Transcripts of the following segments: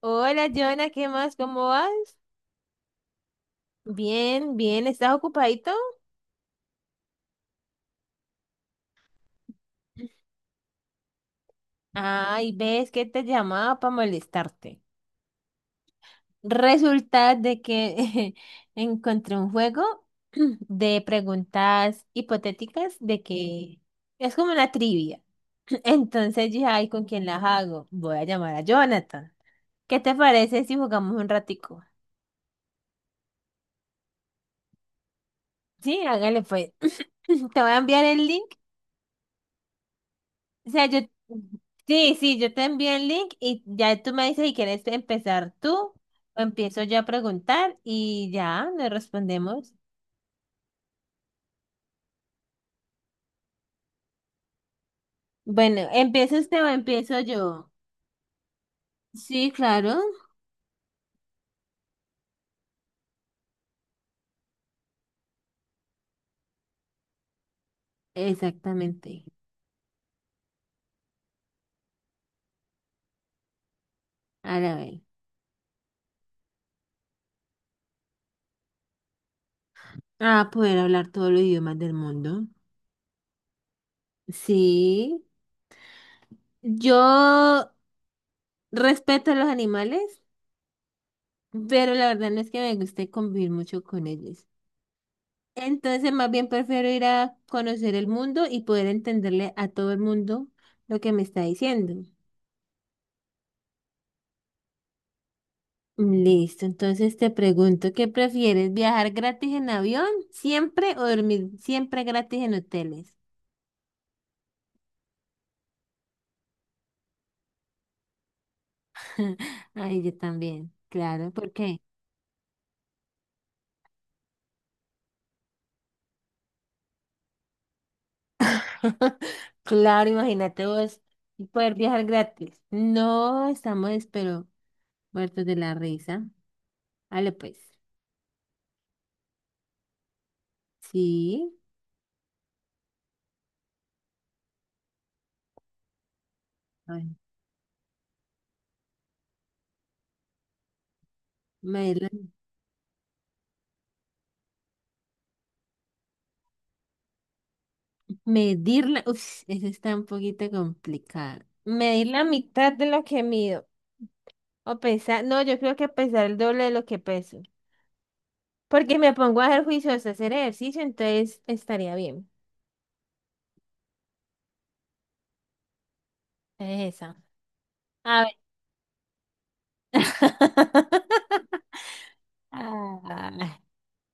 Hola, Jonah, ¿qué más? ¿Cómo vas? Bien, bien, ¿estás ocupadito? Ay, ves que te llamaba para molestarte. Resulta de que encontré un juego de preguntas hipotéticas de que es como una trivia. Entonces dije, ay, ¿con quién las hago? Voy a llamar a Jonathan. ¿Qué te parece si jugamos un ratico? Sí, hágale pues. Te voy a enviar el link. O sea, yo, sí, sí, yo te envío el link y ya tú me dices si quieres empezar tú o empiezo yo a preguntar y ya nos respondemos. Bueno, ¿empieza usted o empiezo yo? Sí, claro, exactamente. Ahora ver. Ah, poder hablar todos los idiomas del mundo. Sí, yo respeto a los animales, pero la verdad no es que me guste convivir mucho con ellos. Entonces, más bien prefiero ir a conocer el mundo y poder entenderle a todo el mundo lo que me está diciendo. Listo, entonces te pregunto, ¿qué prefieres? ¿Viajar gratis en avión siempre o dormir siempre gratis en hoteles? Ay, yo también, claro, ¿por qué? Claro, imagínate vos poder viajar gratis. No, estamos, espero, muertos de la risa. Vale, pues, sí, ay, me- irlo. Medir la... Uf, eso está un poquito complicado. Medir la mitad de lo que mido. O pesar... No, yo creo que pesar el doble de lo que peso. Porque me pongo a hacer juicios, a hacer ejercicio, entonces estaría bien. Es esa. A ver. Ah,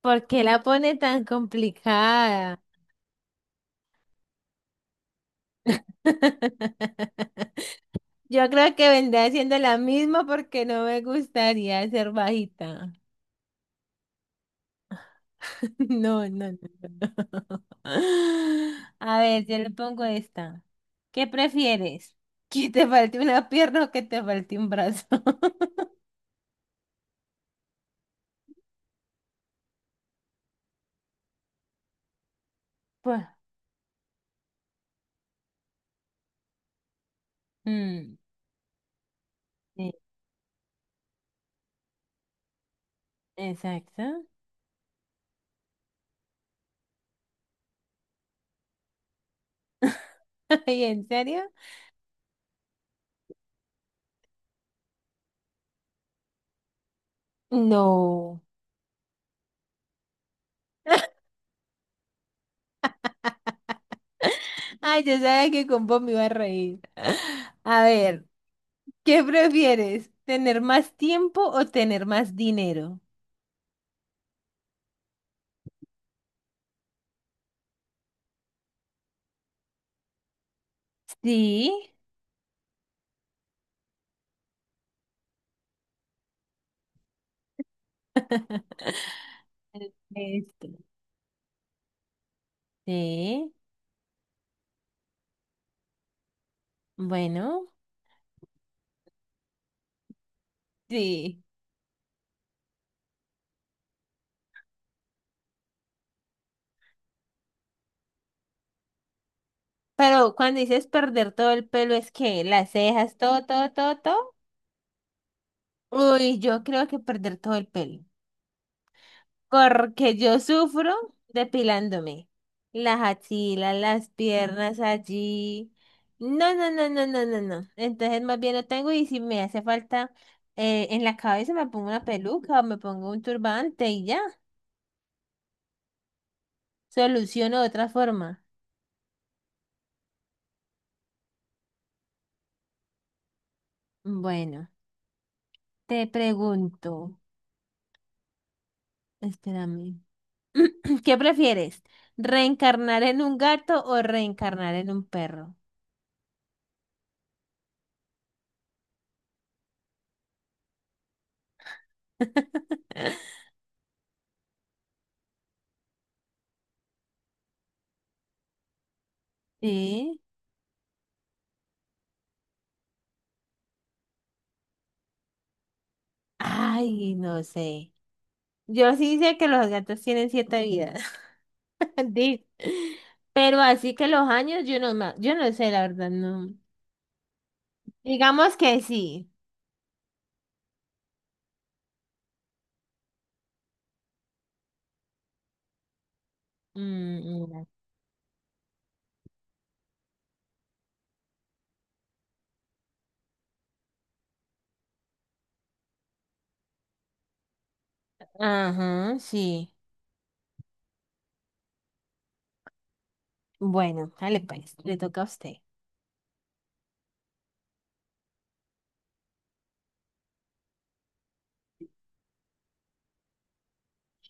¿por qué la pone tan complicada? Yo creo que vendré haciendo la misma porque no me gustaría ser bajita. No, no, no, no. A ver, yo le pongo esta. ¿Qué prefieres? ¿Que te falte una pierna o que te falte un brazo? Pues, mm, sí, exacto. ¿Y en serio? No. Ay, yo sabía que con vos me iba a reír. A ver, ¿qué prefieres? ¿Tener más tiempo o tener más dinero? Sí. Esto. Sí. Bueno. Sí. Pero cuando dices perder todo el pelo, es que las cejas, todo, todo, todo, todo. Uy, yo creo que perder todo el pelo. Porque yo sufro depilándome. Las axilas, las piernas allí. No, no, no, no, no, no, no. Entonces más bien lo tengo y si me hace falta en la cabeza me pongo una peluca o me pongo un turbante y ya. Soluciono de otra forma. Bueno, te pregunto. Espérame. ¿Qué prefieres? ¿Reencarnar en un gato o reencarnar en un perro? ¿Sí? Ay, no sé. Yo sí sé que los gatos tienen siete vidas. Di- pero así que los años, yo no, ma- yo no sé, la verdad, no. Digamos que sí. Mm, mm, ajá, sí. Bueno, dale pues, le toca a usted.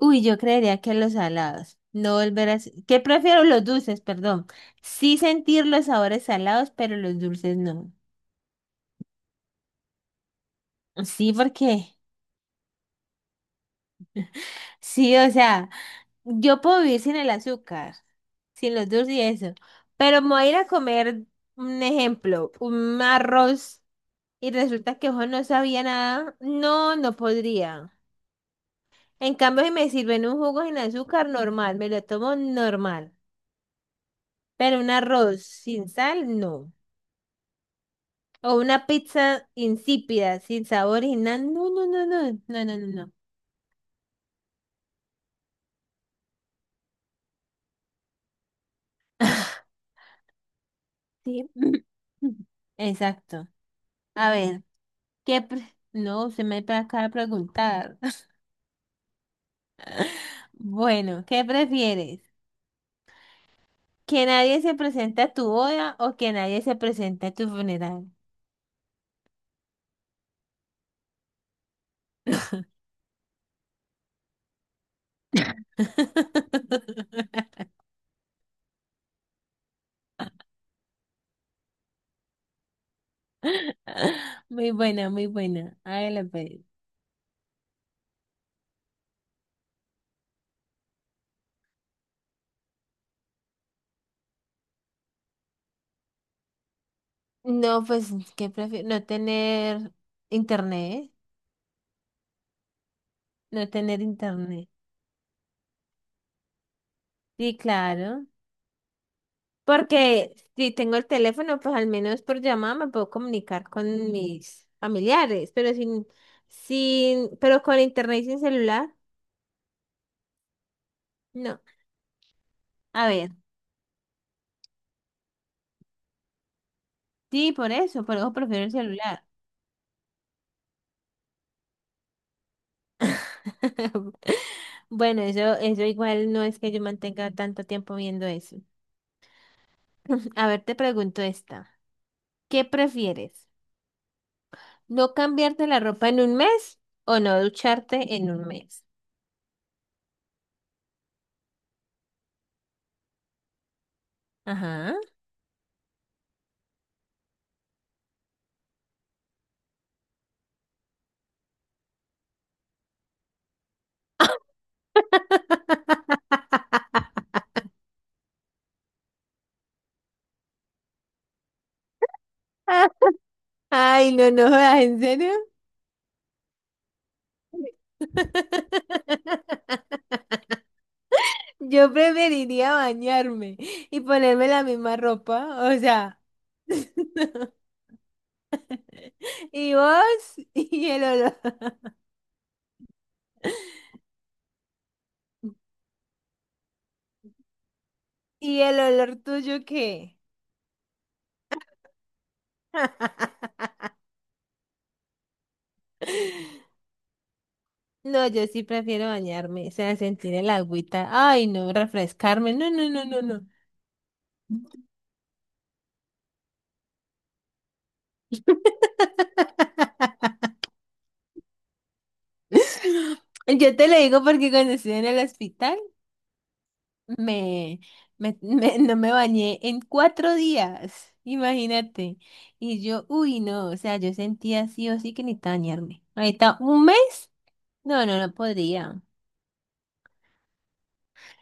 Uy, yo creería que los salados. No volver a... ¿Qué prefiero? Los dulces, perdón. Sí sentir los sabores salados, pero los dulces no. Sí, porque... sí, o sea, yo puedo vivir sin el azúcar, sin los dulces y eso. Pero me voy a ir a comer, un ejemplo, un arroz y resulta que ojo no sabía nada. No, no podría. En cambio, si me sirven un jugo sin azúcar, normal, me lo tomo normal. Pero un arroz sin sal, no. O una pizza insípida, sin sabor y nada. No, no, no, no, no, no, no, no. Sí. Exacto. A ver, ¿qué pre- no, se me acaba de preguntar. Bueno, ¿qué prefieres? ¿Que nadie se presente a tu boda o que nadie se presente a tu funeral? Muy buena, muy buena. Hágala pues. No, pues, ¿qué prefiero? No tener internet. No tener internet. Sí, claro. Porque si tengo el teléfono, pues al menos por llamada me puedo comunicar con mis familiares, pero sin, pero con internet y sin celular, no. A ver, sí, por eso prefiero el celular. Bueno, eso igual no es que yo mantenga tanto tiempo viendo eso. A ver, te pregunto esta. ¿Qué prefieres? ¿No cambiarte la ropa en un mes o no ducharte en un mes? Ajá. Ay, no, no, jodas, ¿en serio? Yo preferiría bañarme y ponerme la misma ropa, o sea, y vos y el olor, y el olor tuyo qué. No, yo sí prefiero bañarme, o sea, sentir el agüita, ay, no, refrescarme, no, no, no, no, no. Yo te lo digo porque cuando estuve en el hospital, Me, me, me- no me bañé en 4 días, imagínate. Y yo, uy, no, o sea, yo sentía sí o sí que necesitaba bañarme. Ahorita, ¿un mes? No, no, no podría.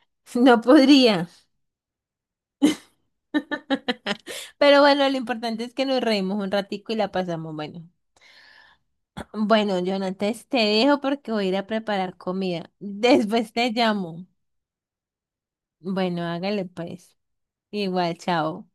No podría. Pero bueno, lo importante es que nos reímos un ratico y la pasamos bueno. Bueno, Jonates, te dejo porque voy a ir a preparar comida. Después te llamo. Bueno, hágale pues. Igual, chao.